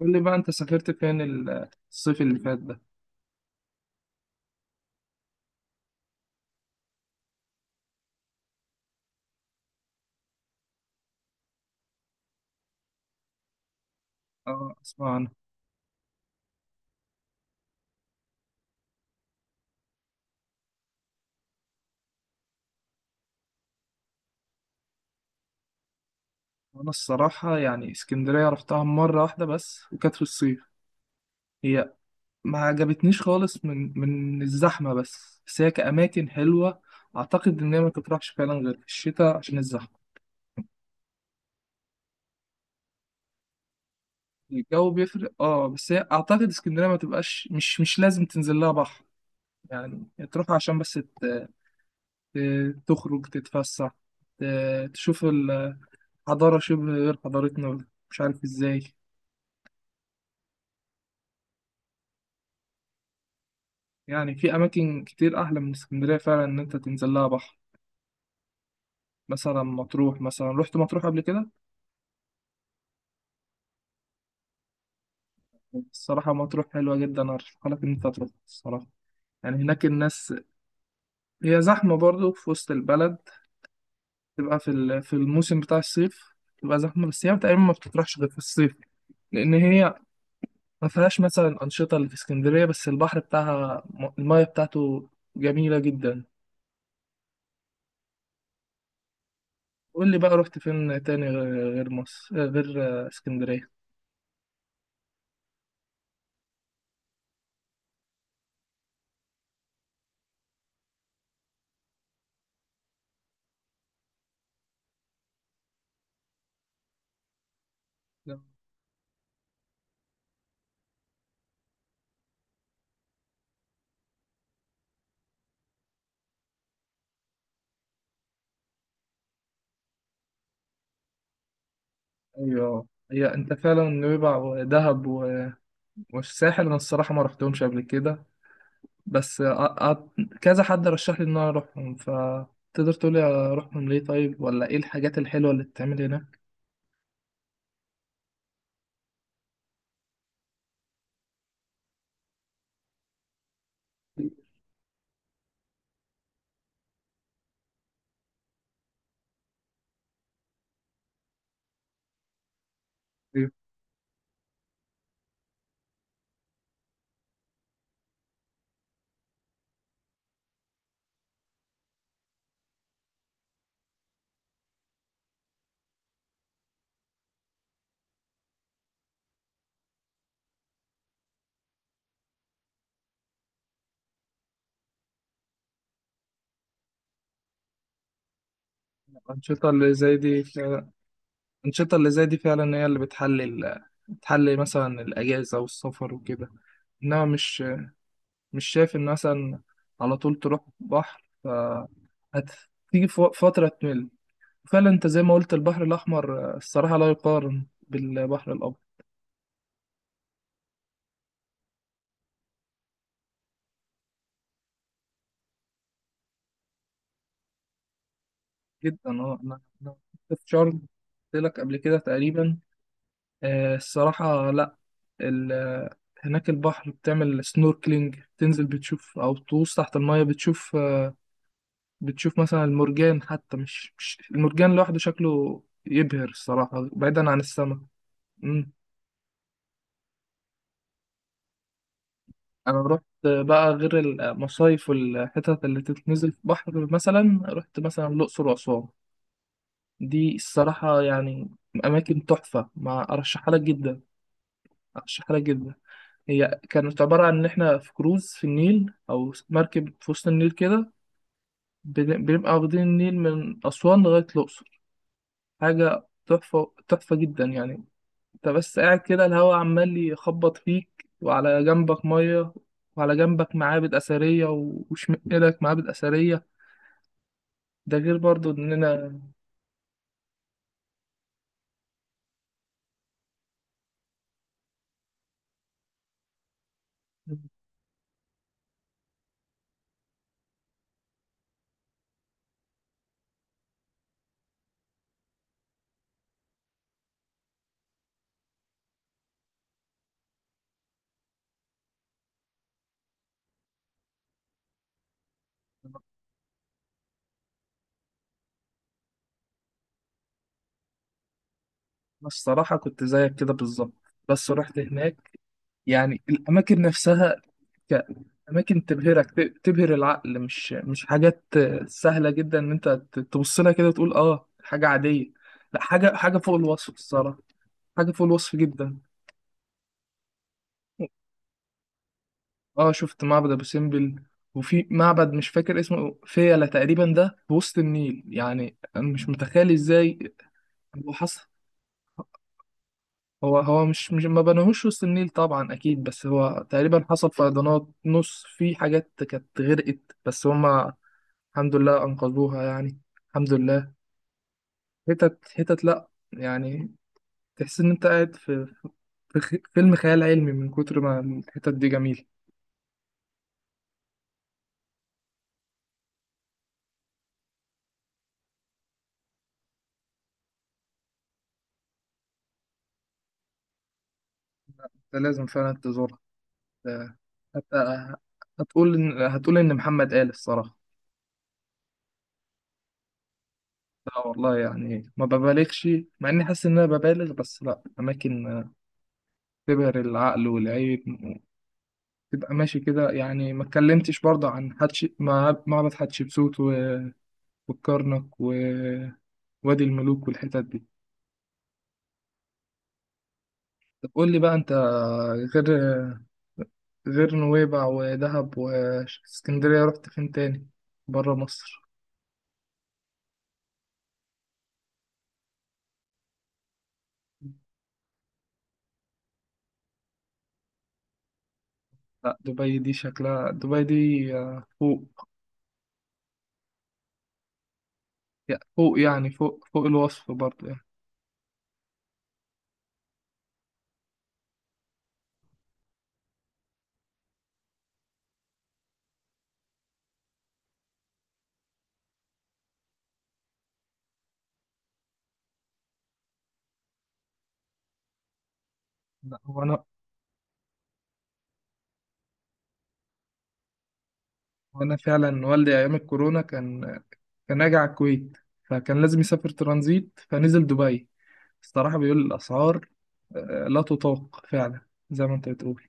قول لي بقى انت سافرت فين الصيف اللي فات ده. اه اسمع عنها. وانا الصراحة يعني اسكندرية رحتها مرة واحدة بس وكانت في الصيف. هي ما عجبتنيش خالص من الزحمة بس هي كأماكن حلوة. اعتقد ان هي ما تطرحش فعلا غير في الشتاء عشان الزحمة. الجو بيفرق اه، بس هي اعتقد اسكندرية ما تبقاش مش لازم تنزل لها بحر، يعني تروح عشان بس تخرج تتفسح، تشوف الحضارة شبه غير حضارتنا، مش عارف ازاي. يعني في أماكن كتير أحلى من اسكندرية فعلا إن أنت تنزل لها بحر. مثلا مطروح، مثلا رحت مطروح قبل كده. الصراحة مطروح حلوة جدا، أرشحها لك إن أنت تروح الصراحة. يعني هناك الناس، هي زحمة برضو في وسط البلد، تبقى في الموسم بتاع الصيف تبقى زحمة، بس هي تقريبا ما بتطرحش غير في الصيف، لأن هي ما فيهاش مثلا أنشطة اللي في اسكندرية، بس البحر بتاعها، المايه بتاعته جميلة جدا. قول لي بقى رحت فين تاني غير مصر، غير اسكندرية؟ ايوه، هي انت فعلا نويبع ودهب والساحل انا الصراحه ما رحتهمش قبل كده، بس كذا حد رشح لي ان انا اروحهم، فتقدر تقولي اروحهم ليه طيب، ولا ايه الحاجات الحلوه اللي بتتعمل هناك؟ طيب، الانشطه اللي زي دي فعلا، الانشطه اللي زي دي فعلا هي اللي بتحلي مثلا الاجازه والسفر وكده، انما مش، مش شايف ان مثلا على طول تروح بحر ف هتيجي في فتره تمل. فعلا انت زي ما قلت البحر الاحمر آه، الصراحه لا يقارن بالبحر الابيض. جدا اه، انا كنت في شرم، قلت لك قبل كده تقريبا. آه، الصراحه لا. ال- آه، هناك البحر بتعمل سنوركلينج، تنزل بتشوف او تغوص تحت المايه بتشوف آه، بتشوف مثلا المرجان، حتى مش المرجان لوحده شكله يبهر الصراحه بعيدا عن السماء. مم. انا رحت بقى غير المصايف والحتت اللي تتنزل في بحر، مثلا رحت مثلا الاقصر واسوان. دي الصراحة يعني أماكن تحفة، ما أرشحها لك جدا، أرشحها لك جدا. هي كانت عبارة عن إن إحنا في كروز في النيل، أو مركب في وسط النيل كده، بنبقى واخدين النيل من أسوان لغاية الأقصر. حاجة تحفة، تحفة جدا يعني. أنت بس قاعد كده، الهوا عمال يخبط فيك، وعلى جنبك مية، وعلى جنبك معابد أثرية وشمال إيدك معابد أثرية. ده غير برضو إننا الصراحة كنت زيك كده بالظبط، بس رحت هناك. يعني الأماكن نفسها كأماكن تبهرك، تبهر العقل، مش حاجات سهلة جدا إن أنت تبص لها كده وتقول آه حاجة عادية. لا حاجة، فوق الوصف الصراحة، حاجة فوق الوصف جدا. آه شفت معبد أبو سمبل، وفي معبد مش فاكر اسمه، فيلة تقريبا، ده في وسط النيل يعني أنا مش متخيل إزاي. هو حصل، هو مش ما بناهوش وسط النيل طبعا اكيد، بس هو تقريبا حصل فيضانات، نص في حاجات كانت غرقت، بس هما الحمد لله انقذوها يعني، الحمد لله. هتت هتت لا يعني، تحس ان انت قاعد في فيلم خيال علمي من كتر ما الحتت دي جميله. ده لازم فعلا تزورها. ده هت- هتقول ان محمد قال الصراحه. لا والله يعني ما ببالغش، مع اني حاسس ان انا ببالغ، بس لا، اماكن تبهر العقل والعين. تبقى ماشي كده، يعني ما اتكلمتش برضه عن معبد حتشبسوت والكرنك ووادي الملوك والحتت دي. طب قول لي بقى انت، غير نويبع ودهب واسكندرية، رحت فين تاني برا مصر؟ لا دبي دي شكلها، دبي دي آه، فوق. فوق يعني، فوق الوصف برضه يعني. لا هو انا، وانا فعلا والدي ايام الكورونا كان، كان راجع على الكويت، فكان لازم يسافر ترانزيت فنزل دبي. الصراحة بيقول الاسعار آه، لا تطاق فعلا، زي ما انت بتقول.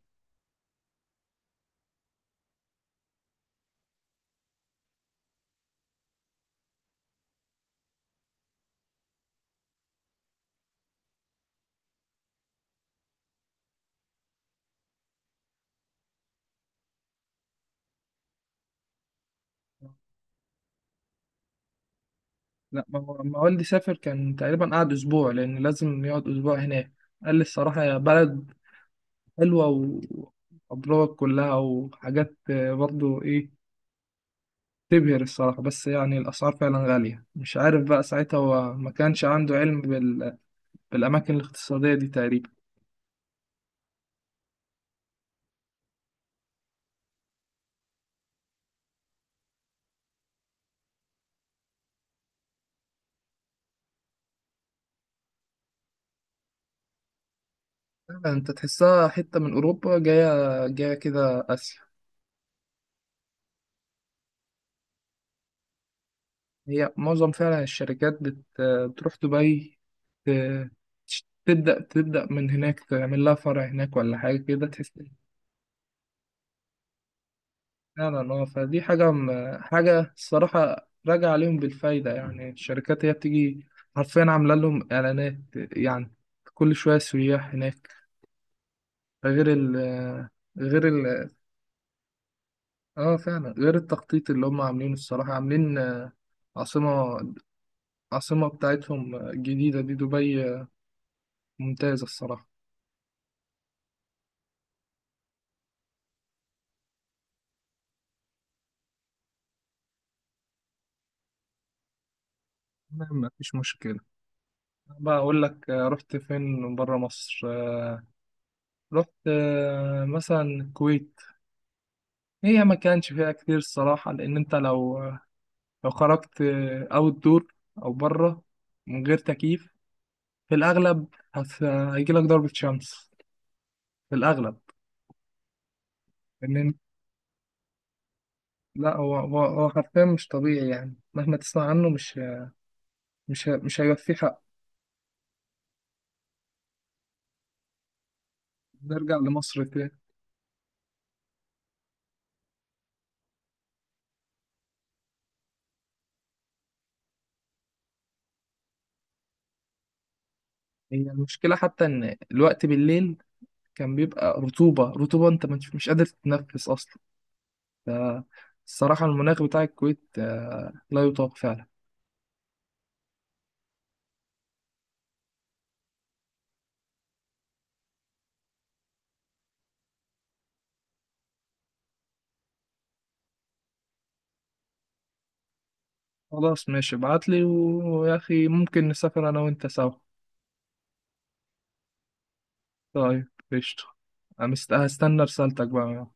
لا ما هو لما والدي سافر كان تقريبا قعد اسبوع، لان لازم يقعد اسبوع هناك. قال لي الصراحه، يا بلد حلوه وابراج كلها وحاجات آه، برضو ايه، تبهر الصراحه، بس يعني الاسعار فعلا غاليه. مش عارف بقى ساعتها هو ما كانش عنده علم بالاماكن الاقتصاديه دي تقريبا. آه، انت تحسها حته من اوروبا، جايه كده اسيا. هي معظم فعلا الشركات بتروح دبي، ت- تبدأ، تبدأ من هناك، تعمل لها فرع هناك ولا حاجة كده تحس. فعلا اه، فدي حاجة حاجة الصراحة راجع عليهم بالفايدة يعني. الشركات هي بتيجي حرفيا عاملة لهم إعلانات يعني، كل شوية سياح هناك. غير ال غير ال اه فعلا غير التخطيط اللي هم عاملينه، الصراحة عاملين آه، عاصمة، عاصمة بتاعتهم جديدة دي، دبي آه، ممتازة الصراحة. ما فيش مشكلة. بقى أقول لك آه، رحت فين برا مصر. آه، رحت آه، مثلا الكويت. هي ما كانش فيها كتير الصراحة، لأن أنت لو آه، لو خرجت أوت دور، أو برا من غير تكييف في الأغلب هيجيلك ضربة شمس في الأغلب. لأن أنت- لا هو، هو حرفيا مش طبيعي يعني، مهما تسمع عنه مش هيوفيه حق. نرجع لمصر تاني. هي المشكلة حتى إن الوقت بالليل كان بيبقى رطوبة، رطوبة أنت مش قادر تتنفس أصلا. فالصراحة المناخ بتاع الكويت آه، لا يطاق فعلا. خلاص ماشي، ابعتلي ويا أخي ممكن نسافر أنا وأنت سوا. طيب قشطة، أنا هستنى رسالتك بقى.